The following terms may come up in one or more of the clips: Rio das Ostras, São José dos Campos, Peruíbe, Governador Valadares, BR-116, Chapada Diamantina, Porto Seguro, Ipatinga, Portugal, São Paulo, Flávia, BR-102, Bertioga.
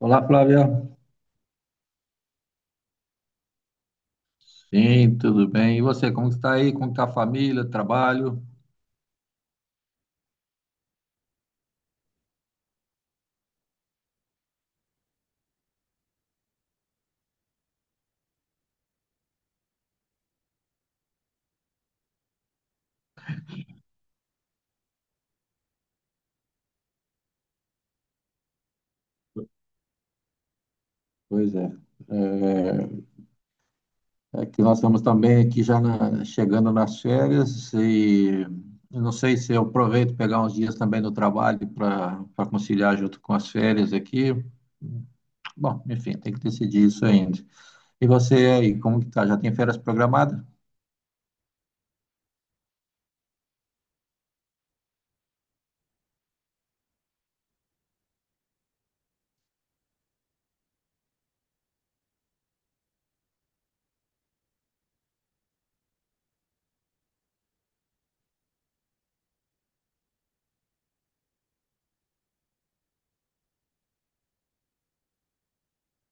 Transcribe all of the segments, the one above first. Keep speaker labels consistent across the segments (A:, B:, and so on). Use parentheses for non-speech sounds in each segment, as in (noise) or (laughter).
A: Olá, Flávia. Sim, tudo bem. E você, como que está aí? Como está a família, trabalho? Pois é. É, é que nós estamos também aqui já chegando nas férias e eu não sei se eu aproveito pegar uns dias também no trabalho para conciliar junto com as férias aqui. Bom, enfim, tem que decidir isso ainda. E você aí, como que tá? Já tem férias programadas?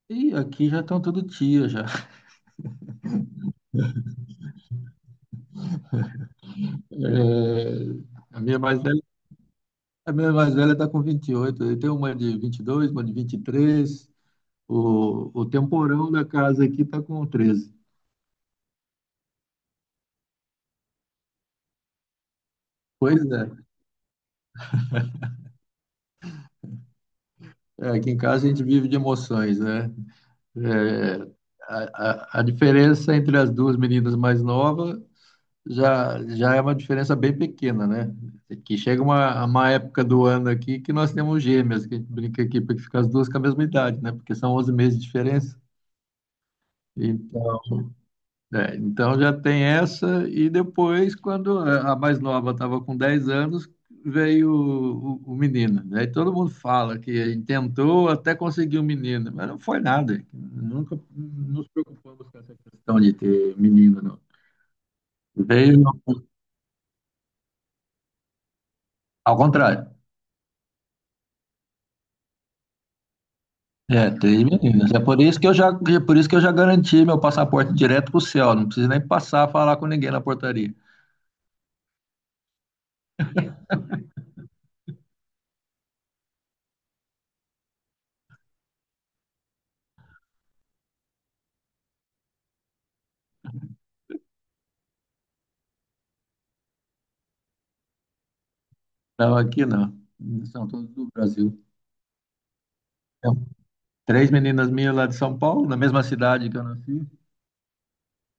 A: Ih, aqui já estão todo dia já. É, a minha mais A minha mais velha está com 28. Eu tenho uma de 22, uma de 23. O temporão da casa aqui está com 13. Pois é. É, aqui em casa a gente vive de emoções, né? É, a diferença entre as duas meninas mais novas já é uma diferença bem pequena, né? É que chega uma época do ano aqui que nós temos gêmeas, que a gente brinca aqui para que ficar as duas com a mesma idade, né? Porque são 11 meses de diferença. Então. É, então já tem essa, e depois, quando a mais nova estava com 10 anos, veio o menino. Aí todo mundo fala que tentou até conseguir um menino, mas não foi nada. Nunca nos preocupamos com essa questão de ter menino, não. Veio ao contrário. É, três meninas. É por isso que eu já, É por isso que eu já garanti meu passaporte direto para o céu. Não preciso nem passar a falar com ninguém na portaria. Não, aqui não. São todos do Brasil. É, três meninas minhas lá de São Paulo, na mesma cidade que eu nasci.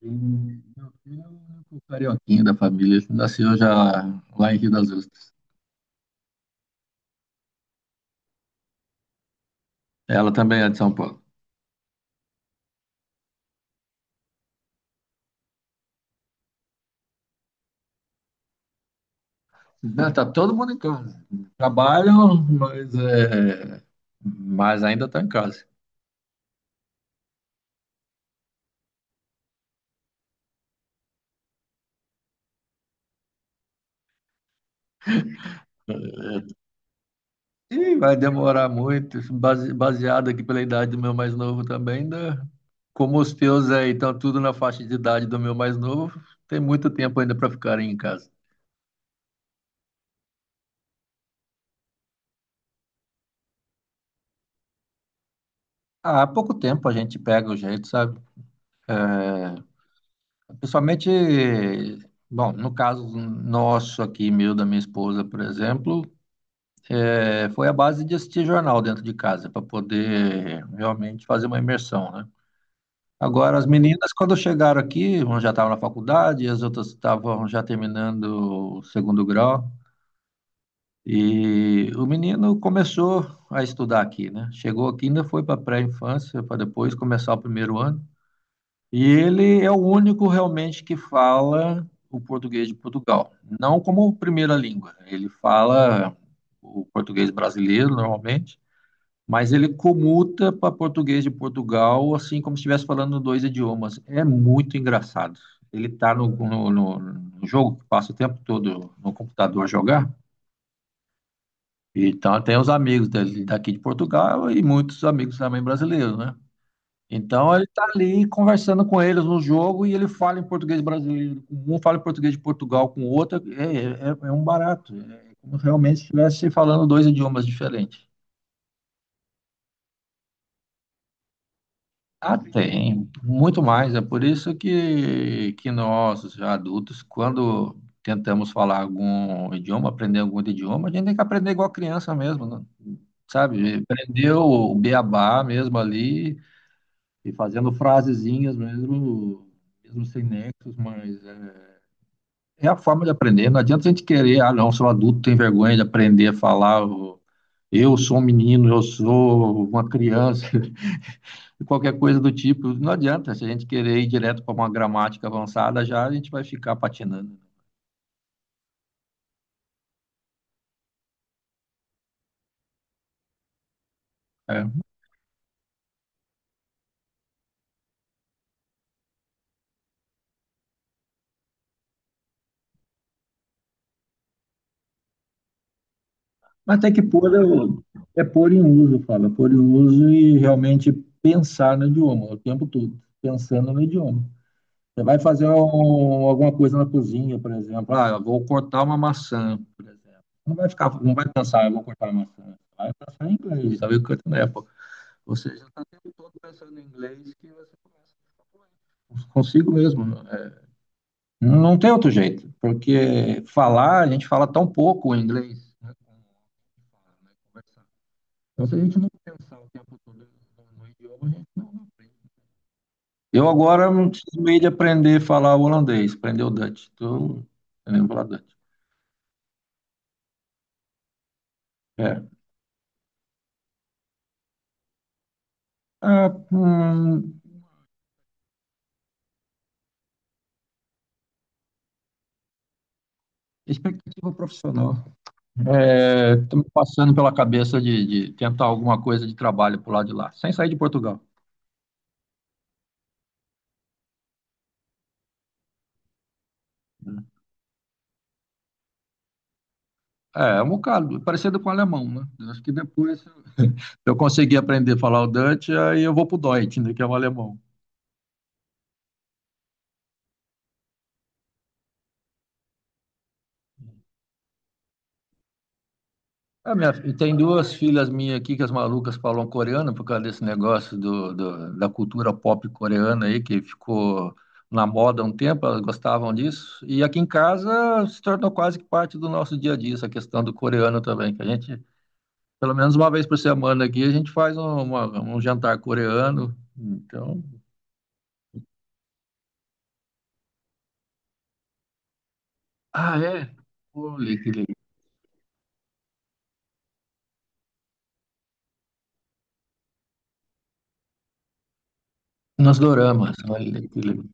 A: E meu filho é o único carioquinho da família. Ele nasceu já lá em Rio das Ostras. Ela também é de São Paulo. Não, tá todo mundo em casa. Trabalham, mas ainda tá em casa. E vai demorar muito, baseado aqui pela idade do meu mais novo também. Ainda, como os teus aí estão tudo na faixa de idade do meu mais novo, tem muito tempo ainda para ficarem em casa. Ah, há pouco tempo a gente pega o jeito, sabe? Principalmente, bom, no caso nosso aqui, meu, da minha esposa, por exemplo, foi a base de assistir jornal dentro de casa, para poder realmente fazer uma imersão, né? Agora, as meninas, quando chegaram aqui, uma já estava na faculdade, as outras estavam já terminando o segundo grau, e o menino começou a estudar aqui, né? Chegou aqui, ainda foi para pré-infância, para depois começar o primeiro ano. E ele é o único realmente que fala o português de Portugal, não como primeira língua. Ele fala o português brasileiro normalmente, mas ele comuta para português de Portugal, assim como se estivesse falando dois idiomas. É muito engraçado. Ele está no jogo que passa o tempo todo no computador a jogar. Então tem os amigos dele daqui de Portugal e muitos amigos também brasileiros, né? Então ele tá ali conversando com eles no jogo e ele fala em português brasileiro com um, fala em português de Portugal com o outro. É um barato. É como realmente se estivesse falando dois idiomas diferentes. Ah, tem, muito mais. É por isso que nós, os adultos, quando tentamos falar algum idioma, aprender algum outro idioma, a gente tem que aprender igual criança mesmo, né? Sabe? Aprender o beabá mesmo ali, e fazendo frasezinhas mesmo, mesmo sem nexos, É a forma de aprender. Não adianta a gente querer, ah, não, sou adulto, tenho vergonha de aprender a falar. Eu sou um menino, eu sou uma criança, (laughs) qualquer coisa do tipo. Não adianta, se a gente querer ir direto para uma gramática avançada, já a gente vai ficar patinando. Né? É. Mas tem que pôr, é pôr em uso, fala, pôr em uso e realmente pensar no idioma o tempo todo, pensando no idioma. Você vai fazer alguma coisa na cozinha, por exemplo. Ah, eu vou cortar uma maçã, por exemplo. Não vai ficar, não vai pensar, eu vou cortar uma maçã. Vai pensar em inglês, sabe? Cortando Apple. Você já está o tempo todo pensando em inglês que você começa a ficar consigo mesmo. É. Não tem outro jeito, porque falar, a gente fala tão pouco o inglês, né? Então, se a gente não pensar o tempo todo no idioma, a gente não aprende. Eu agora não preciso meio de aprender a falar holandês, aprender o Dutch. Então, eu lembro falar Dutch. É. Ah, expectativa profissional. Estou me passando pela cabeça de tentar alguma coisa de trabalho por lá de lá, sem sair de Portugal. Né? É um bocado, parecido com o alemão, né? Eu acho que depois eu conseguir aprender a falar o Dutch, aí eu vou pro Deutsch, né, que é o alemão. Ah, e tem duas filhas minhas aqui que as malucas falam coreano por causa desse negócio da cultura pop coreana aí, que ficou na moda há um tempo, elas gostavam disso. E aqui em casa se tornou quase que parte do nosso dia a dia, essa questão do coreano também, que a gente, pelo menos uma vez por semana aqui, a gente faz um jantar coreano. Então. Ah, é? Olha que legal. Nos doramas, olha que legal.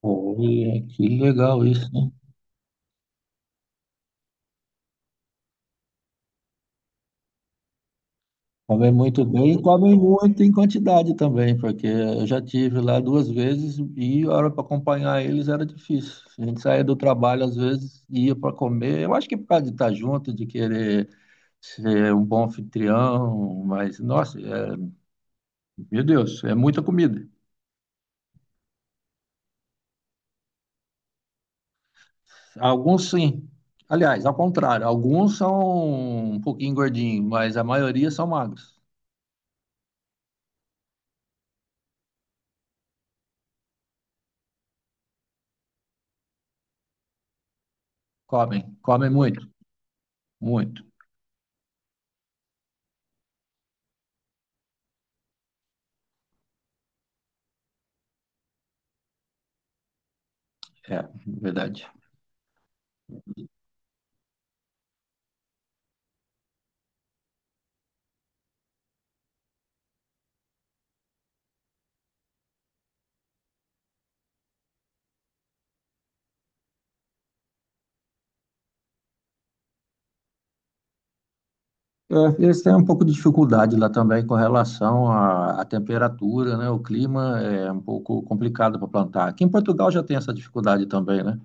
A: Olha que legal isso. Comem muito bem e comem muito em quantidade também, porque eu já tive lá duas vezes e a hora para acompanhar eles era difícil. A gente saía do trabalho às vezes e ia para comer. Eu acho que por causa de estar junto, de querer ser um bom anfitrião, mas nossa, meu Deus, é muita comida. Alguns sim. Aliás, ao contrário, alguns são um pouquinho gordinhos, mas a maioria são magros. Comem muito, muito. É, verdade. É, eles têm um pouco de dificuldade lá também com relação à temperatura, né? O clima é um pouco complicado para plantar. Aqui em Portugal já tem essa dificuldade também, né?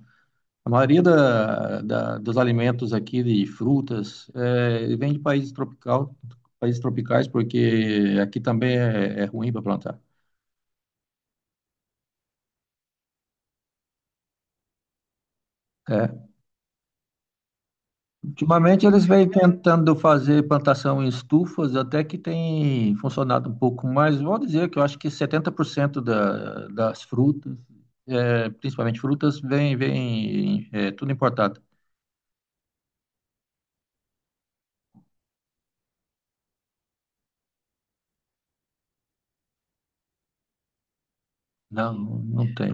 A: A maioria dos alimentos aqui de frutas é, vem de países tropicais, porque aqui também é ruim para plantar. É, ultimamente eles vêm tentando fazer plantação em estufas, até que tem funcionado um pouco mais. Vou dizer que eu acho que 70% das frutas, principalmente frutas, vem tudo importado. Não, não tem.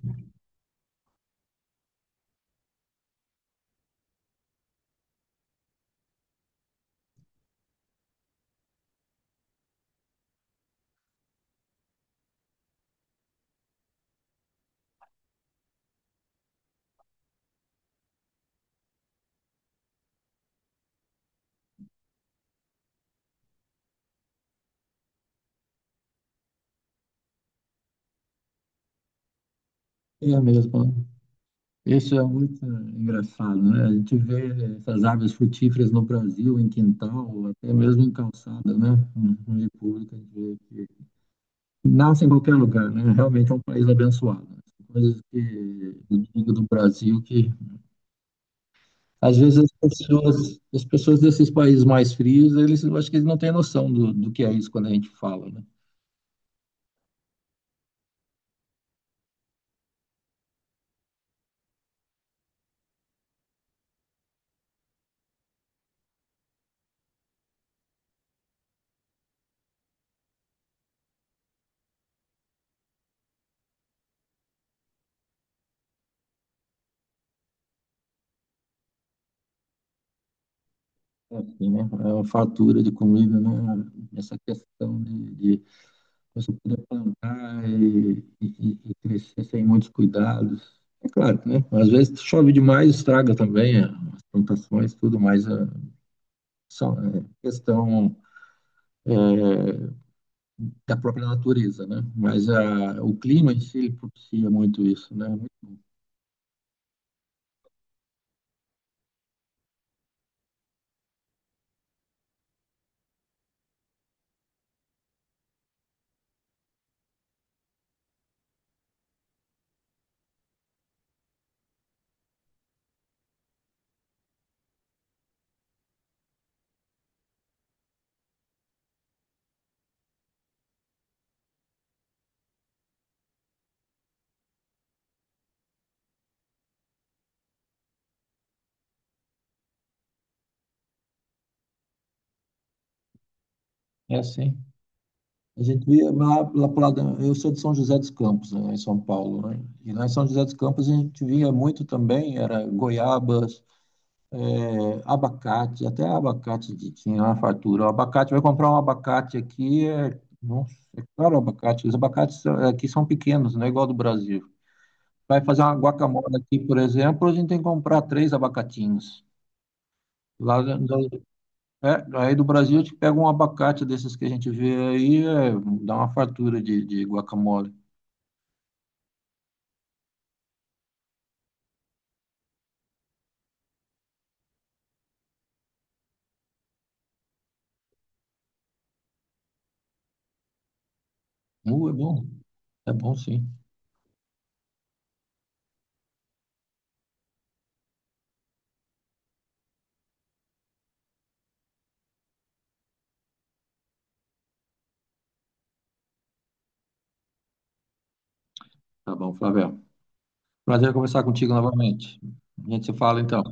A: É mesmo. Isso é muito engraçado, né? A gente vê essas árvores frutíferas no Brasil, em quintal, até mesmo em calçada, né? No meio público, a gente vê. Nasce em qualquer lugar, né? Realmente é um país abençoado. Coisas que eu digo do Brasil que às vezes as pessoas desses países mais frios, eles eu acho que eles não têm noção do que é isso quando a gente fala, né? É assim, né? É uma fartura de comida, né? Essa questão de você poder plantar e crescer sem muitos cuidados. É claro, né? Às vezes chove demais, estraga também as plantações, tudo mais. Só, é questão é, da própria natureza, né? Mas o clima em si ele propicia muito isso, né? É assim. A gente via lá, lá pro lado, eu sou de São José dos Campos, né, em São Paulo, né? E lá em São José dos Campos a gente via muito também, era goiabas, abacate, até abacate tinha uma fartura. O abacate, vai comprar um abacate aqui, nossa, é caro o abacate. Os abacates aqui são pequenos, não é igual ao do Brasil. Vai fazer uma guacamole aqui, por exemplo, a gente tem que comprar três abacatinhos. Lá, aí do Brasil a gente pega um abacate desses que a gente vê aí, dá uma fartura de guacamole. É bom, é bom sim. Tá bom, Flávio. Prazer em conversar contigo novamente. A gente se fala então.